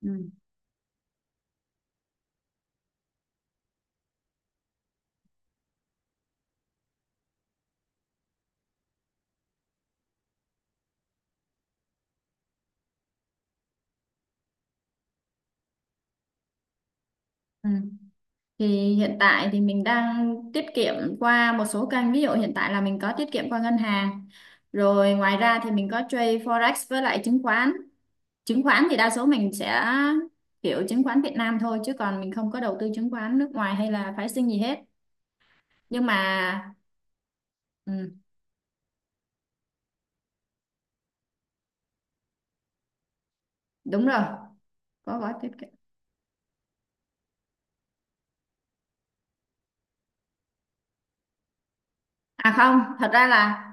Ừ. Ừ. Thì hiện tại thì mình đang tiết kiệm qua một số kênh, ví dụ hiện tại là mình có tiết kiệm qua ngân hàng, rồi ngoài ra thì mình có trade forex với lại chứng khoán. Chứng khoán thì đa số mình sẽ kiểu chứng khoán Việt Nam thôi, chứ còn mình không có đầu tư chứng khoán nước ngoài hay là phái sinh gì hết, nhưng mà ừ, đúng rồi, có gói tiết kiệm. À không, thật ra là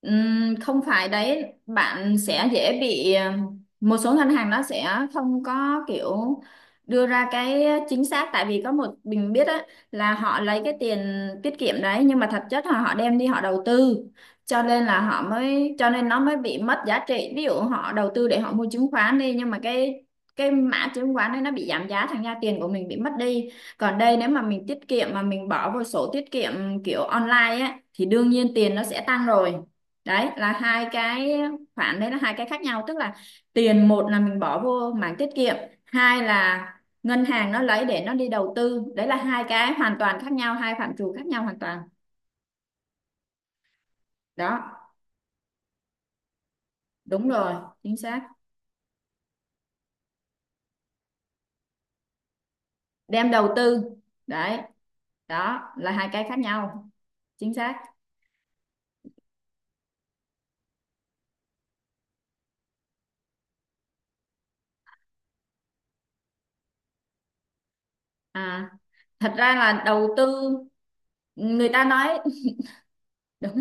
không phải đấy, bạn sẽ dễ bị một số ngân hàng nó sẽ không có kiểu đưa ra cái chính xác, tại vì có một mình biết á, là họ lấy cái tiền tiết kiệm đấy, nhưng mà thật chất là họ đem đi họ đầu tư, cho nên là họ mới, cho nên nó mới bị mất giá trị. Ví dụ họ đầu tư để họ mua chứng khoán đi, nhưng mà cái mã chứng khoán đấy nó bị giảm giá, thành ra tiền của mình bị mất đi. Còn đây, nếu mà mình tiết kiệm mà mình bỏ vào sổ tiết kiệm kiểu online á, thì đương nhiên tiền nó sẽ tăng rồi. Đấy là hai cái khoản, đấy là hai cái khác nhau, tức là tiền, một là mình bỏ vô mảng tiết kiệm, hai là ngân hàng nó lấy để nó đi đầu tư. Đấy là hai cái hoàn toàn khác nhau, hai phạm trù khác nhau hoàn toàn. Đó, đúng rồi, chính xác. Đem đầu tư. Đấy, đó là hai cái khác nhau. Chính xác. À, thật ra là đầu tư, người ta nói đúng.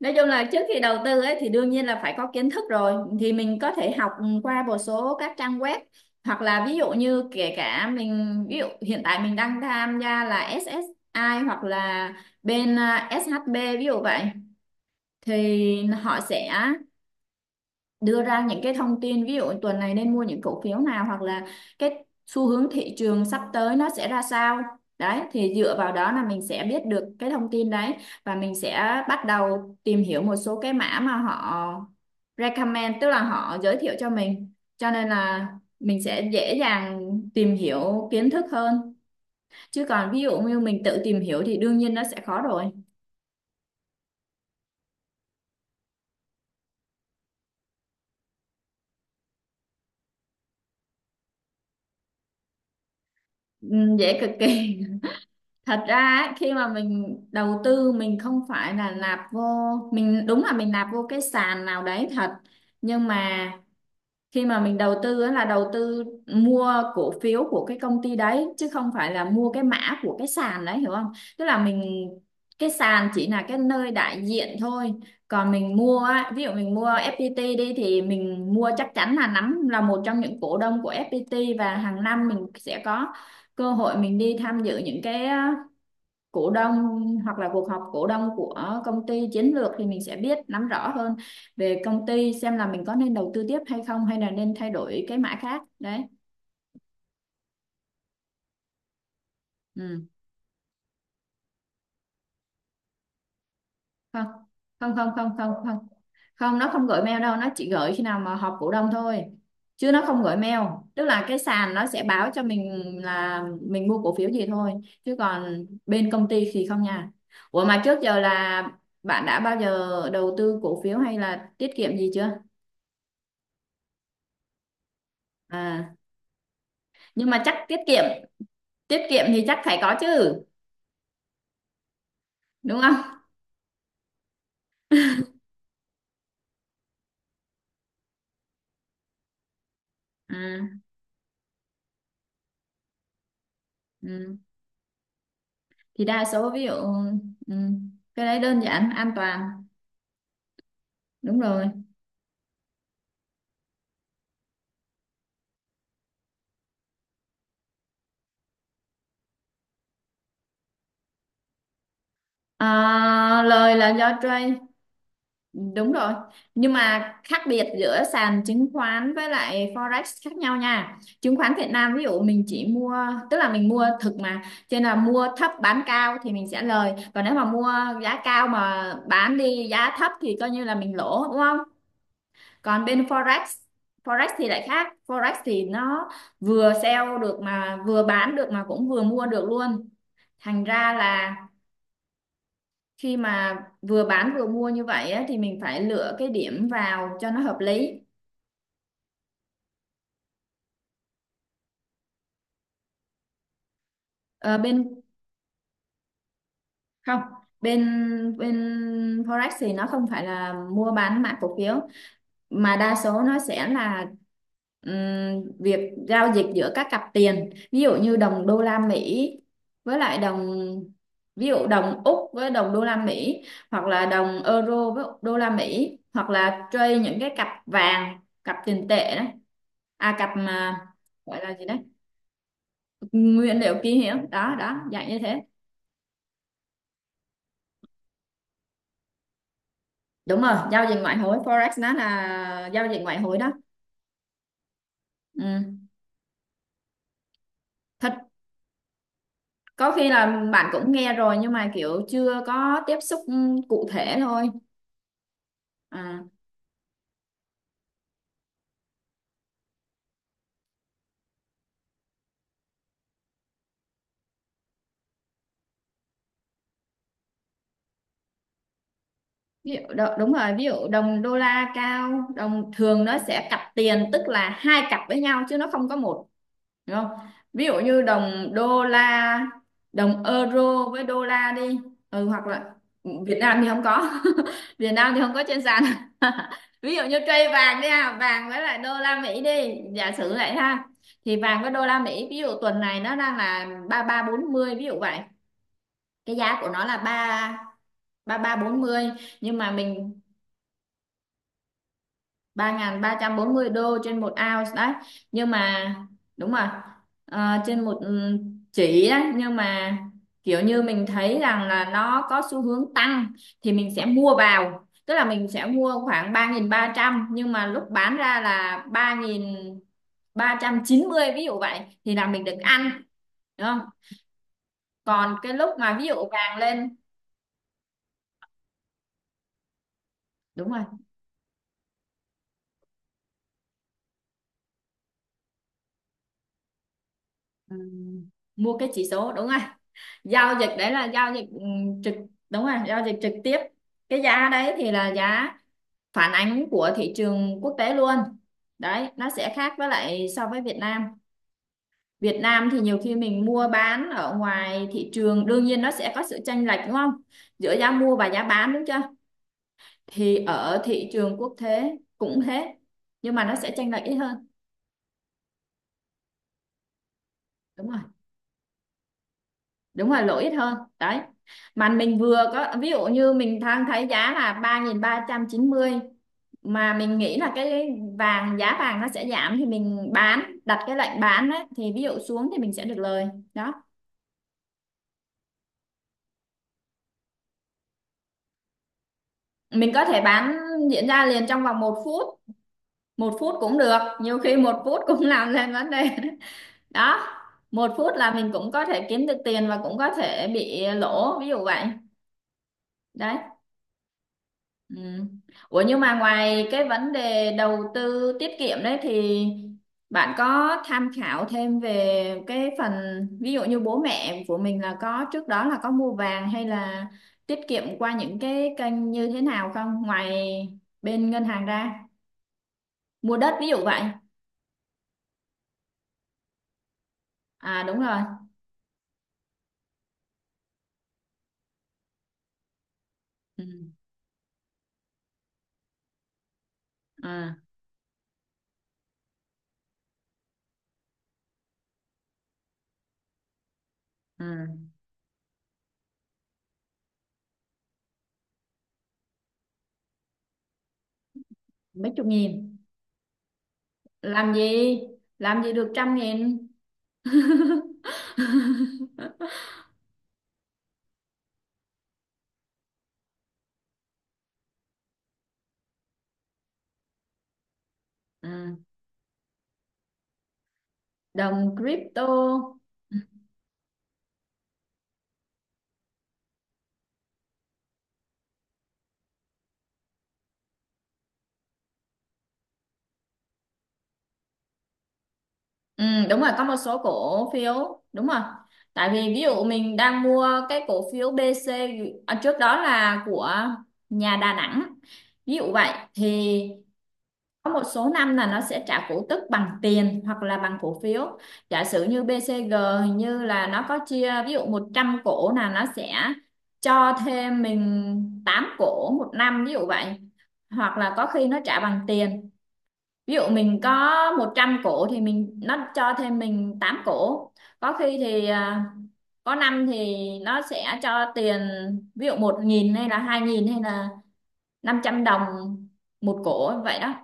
Nói chung là trước khi đầu tư ấy thì đương nhiên là phải có kiến thức rồi, thì mình có thể học qua một số các trang web, hoặc là ví dụ như kể cả mình, ví dụ hiện tại mình đang tham gia là SSI hoặc là bên SHB, ví dụ vậy. Thì họ sẽ đưa ra những cái thông tin, ví dụ tuần này nên mua những cổ phiếu nào, hoặc là cái xu hướng thị trường sắp tới nó sẽ ra sao. Đấy, thì dựa vào đó là mình sẽ biết được cái thông tin đấy, và mình sẽ bắt đầu tìm hiểu một số cái mã mà họ recommend, tức là họ giới thiệu cho mình, cho nên là mình sẽ dễ dàng tìm hiểu kiến thức hơn, chứ còn ví dụ như mình tự tìm hiểu thì đương nhiên nó sẽ khó rồi. Ừ, dễ cực kỳ, thật ra ấy, khi mà mình đầu tư mình không phải là nạp vô, mình đúng là mình nạp vô cái sàn nào đấy thật, nhưng mà khi mà mình đầu tư ấy là đầu tư mua cổ phiếu của cái công ty đấy, chứ không phải là mua cái mã của cái sàn đấy, hiểu không? Tức là mình, cái sàn chỉ là cái nơi đại diện thôi, còn mình mua á, ví dụ mình mua FPT đi, thì mình mua chắc chắn là nắm, là một trong những cổ đông của FPT, và hàng năm mình sẽ có cơ hội mình đi tham dự những cái cổ đông hoặc là cuộc họp cổ đông của công ty chiến lược, thì mình sẽ biết nắm rõ hơn về công ty, xem là mình có nên đầu tư tiếp hay không, hay là nên thay đổi cái mã khác. Đấy, ừ. Không, không, không, không, không, không. Không, nó không gửi mail đâu, nó chỉ gửi khi nào mà họp cổ đông thôi, chứ nó không gửi mail. Tức là cái sàn nó sẽ báo cho mình là mình mua cổ phiếu gì thôi, chứ còn bên công ty thì không nha. Ủa mà trước giờ là bạn đã bao giờ đầu tư cổ phiếu hay là tiết kiệm gì chưa? À, nhưng mà chắc tiết kiệm, tiết kiệm thì chắc phải có chứ, đúng không? À, ừ. Thì đa số, ví dụ, ừ, cái đấy đơn giản an toàn, đúng rồi. À, lời là do trade. Đúng rồi, nhưng mà khác biệt giữa sàn chứng khoán với lại forex khác nhau nha. Chứng khoán Việt Nam ví dụ mình chỉ mua, tức là mình mua thực mà, cho nên là mua thấp bán cao thì mình sẽ lời, còn nếu mà mua giá cao mà bán đi giá thấp thì coi như là mình lỗ, đúng không? Còn bên forex, forex thì lại khác. Forex thì nó vừa sell được mà vừa bán được mà cũng vừa mua được luôn, thành ra là khi mà vừa bán vừa mua như vậy á, thì mình phải lựa cái điểm vào cho nó hợp lý. Ờ, bên, không, bên bên forex thì nó không phải là mua bán mã cổ phiếu, mà đa số nó sẽ là việc giao dịch giữa các cặp tiền, ví dụ như đồng đô la Mỹ với lại đồng, ví dụ đồng Úc với đồng đô la Mỹ, hoặc là đồng euro với đô la Mỹ, hoặc là trade những cái cặp vàng, cặp tiền tệ đấy. À, cặp mà gọi là gì đấy, nguyên liệu kỳ hiệu đó, đó dạng như thế. Đúng rồi, giao dịch ngoại hối, forex nó là giao dịch ngoại hối đó. Ừ. Thật, có khi là bạn cũng nghe rồi nhưng mà kiểu chưa có tiếp xúc cụ thể thôi. À, ví dụ đúng rồi, ví dụ đồng đô la cao, đồng thường nó sẽ cặp tiền, tức là hai cặp với nhau chứ nó không có một, đúng không? Ví dụ như đồng đô la, đồng euro với đô la đi. Ừ, hoặc là Việt Nam thì không có Việt Nam thì không có trên sàn ví dụ như trade vàng đi ha, vàng với lại đô la Mỹ đi, giả sử vậy ha. Thì vàng với đô la Mỹ, ví dụ tuần này nó đang là 3340, ví dụ vậy. Cái giá của nó là ba ba ba bốn mươi, nhưng mà mình, 3.340 đô trên một ounce đấy. Nhưng mà đúng rồi, ờ, trên một, ừ, chỉ đấy, nhưng mà kiểu như mình thấy rằng là nó có xu hướng tăng, thì mình sẽ mua vào, tức là mình sẽ mua khoảng 3.300, nhưng mà lúc bán ra là ba ba nghìn ba trăm chín mươi, ví dụ vậy thì là mình được ăn, đúng không? Còn cái lúc mà ví dụ vàng lên, đúng rồi. Ừ, mua cái chỉ số, đúng rồi, giao dịch đấy là giao dịch trực, đúng rồi, giao dịch trực tiếp. Cái giá đấy thì là giá phản ánh của thị trường quốc tế luôn. Đấy, nó sẽ khác với lại so với Việt Nam. Việt Nam thì nhiều khi mình mua bán ở ngoài thị trường đương nhiên nó sẽ có sự chênh lệch, đúng không, giữa giá mua và giá bán, đúng chưa? Thì ở thị trường quốc tế cũng thế, nhưng mà nó sẽ chênh lệch ít hơn. Đúng rồi, đúng rồi, lỗ ít hơn đấy. Mà mình vừa có ví dụ như mình đang thấy giá là ba ba nghìn ba trăm chín mươi, mà mình nghĩ là cái vàng giá vàng nó sẽ giảm, thì mình bán, đặt cái lệnh bán đấy, thì ví dụ xuống thì mình sẽ được lời. Đó, mình có thể bán, diễn ra liền trong vòng một phút. Một phút cũng được, nhiều khi một phút cũng làm lên vấn đề. Đó, một phút là mình cũng có thể kiếm được tiền và cũng có thể bị lỗ, ví dụ vậy. Đấy. Ừ. Ủa nhưng mà ngoài cái vấn đề đầu tư tiết kiệm đấy thì bạn có tham khảo thêm về cái phần ví dụ như bố mẹ của mình là có trước đó là có mua vàng hay là tiết kiệm qua những cái kênh như thế nào không, ngoài bên ngân hàng ra, mua đất ví dụ vậy? À, đúng rồi. Ừ. À, à. Mấy chục nghìn. Làm gì, được 100.000. Ừ. Đồng crypto. Ừ. Ừ, đúng rồi, có một số cổ phiếu, đúng rồi. Tại vì ví dụ mình đang mua cái cổ phiếu BC, à, trước đó là của nhà Đà Nẵng, ví dụ vậy, thì có một số năm là nó sẽ trả cổ tức bằng tiền hoặc là bằng cổ phiếu. Giả sử như BCG, hình như là nó có chia, ví dụ 100 cổ là nó sẽ cho thêm mình 8 cổ một năm, ví dụ vậy. Hoặc là có khi nó trả bằng tiền, ví dụ mình có 100 cổ thì mình, nó cho thêm mình 8 cổ. Có khi thì có năm thì nó sẽ cho tiền, ví dụ 1.000 hay là 2.000 hay là 500 đồng một cổ vậy đó.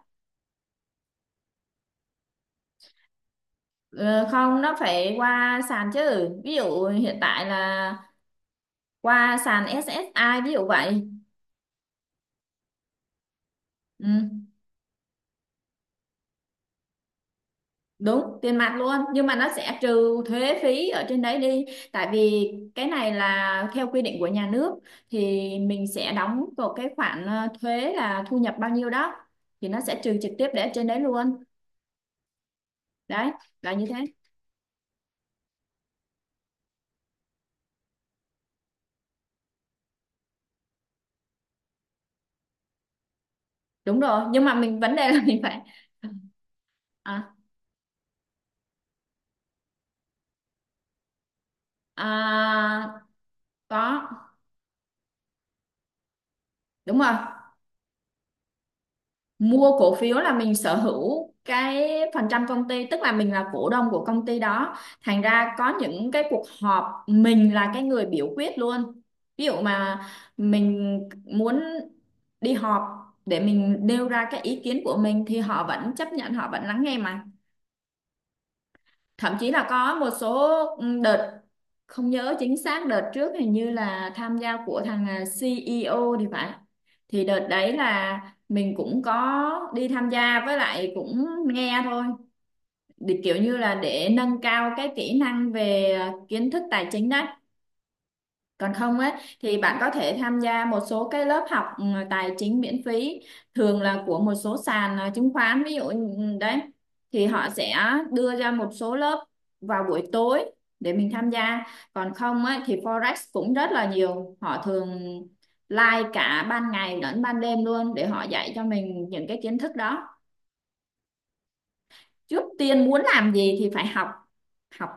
Ờ, không, nó phải qua sàn chứ, ví dụ hiện tại là qua sàn SSI ví dụ vậy. Ừ. Đúng, tiền mặt luôn, nhưng mà nó sẽ trừ thuế phí ở trên đấy đi, tại vì cái này là theo quy định của nhà nước, thì mình sẽ đóng vào cái khoản thuế là thu nhập bao nhiêu đó, thì nó sẽ trừ trực tiếp để ở trên đấy luôn. Đấy, là như thế. Đúng rồi, nhưng mà mình vấn đề là mình phải, à, à, có. Đúng rồi, mua cổ phiếu là mình sở hữu cái phần trăm công ty, tức là mình là cổ đông của công ty đó, thành ra có những cái cuộc họp mình là cái người biểu quyết luôn. Ví dụ mà mình muốn đi họp để mình nêu ra cái ý kiến của mình thì họ vẫn chấp nhận, họ vẫn lắng nghe mà. Thậm chí là có một số đợt, không nhớ chính xác đợt trước hình như là tham gia của thằng CEO thì phải. Thì đợt đấy là mình cũng có đi tham gia với lại cũng nghe thôi, để kiểu như là để nâng cao cái kỹ năng về kiến thức tài chính đấy. Còn không á thì bạn có thể tham gia một số cái lớp học tài chính miễn phí, thường là của một số sàn chứng khoán, ví dụ như- đấy. Thì họ sẽ đưa ra một số lớp vào buổi tối để mình tham gia. Còn không á thì Forex cũng rất là nhiều, họ thường live cả ban ngày lẫn ban đêm luôn để họ dạy cho mình những cái kiến thức đó. Trước tiên muốn làm gì thì phải học. Học,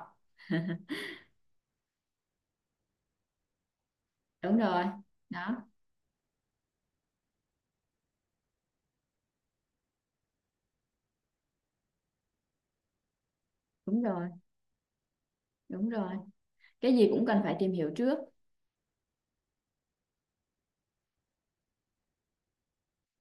đúng rồi. Đó, đúng rồi. Đúng rồi, cái gì cũng cần phải tìm hiểu trước.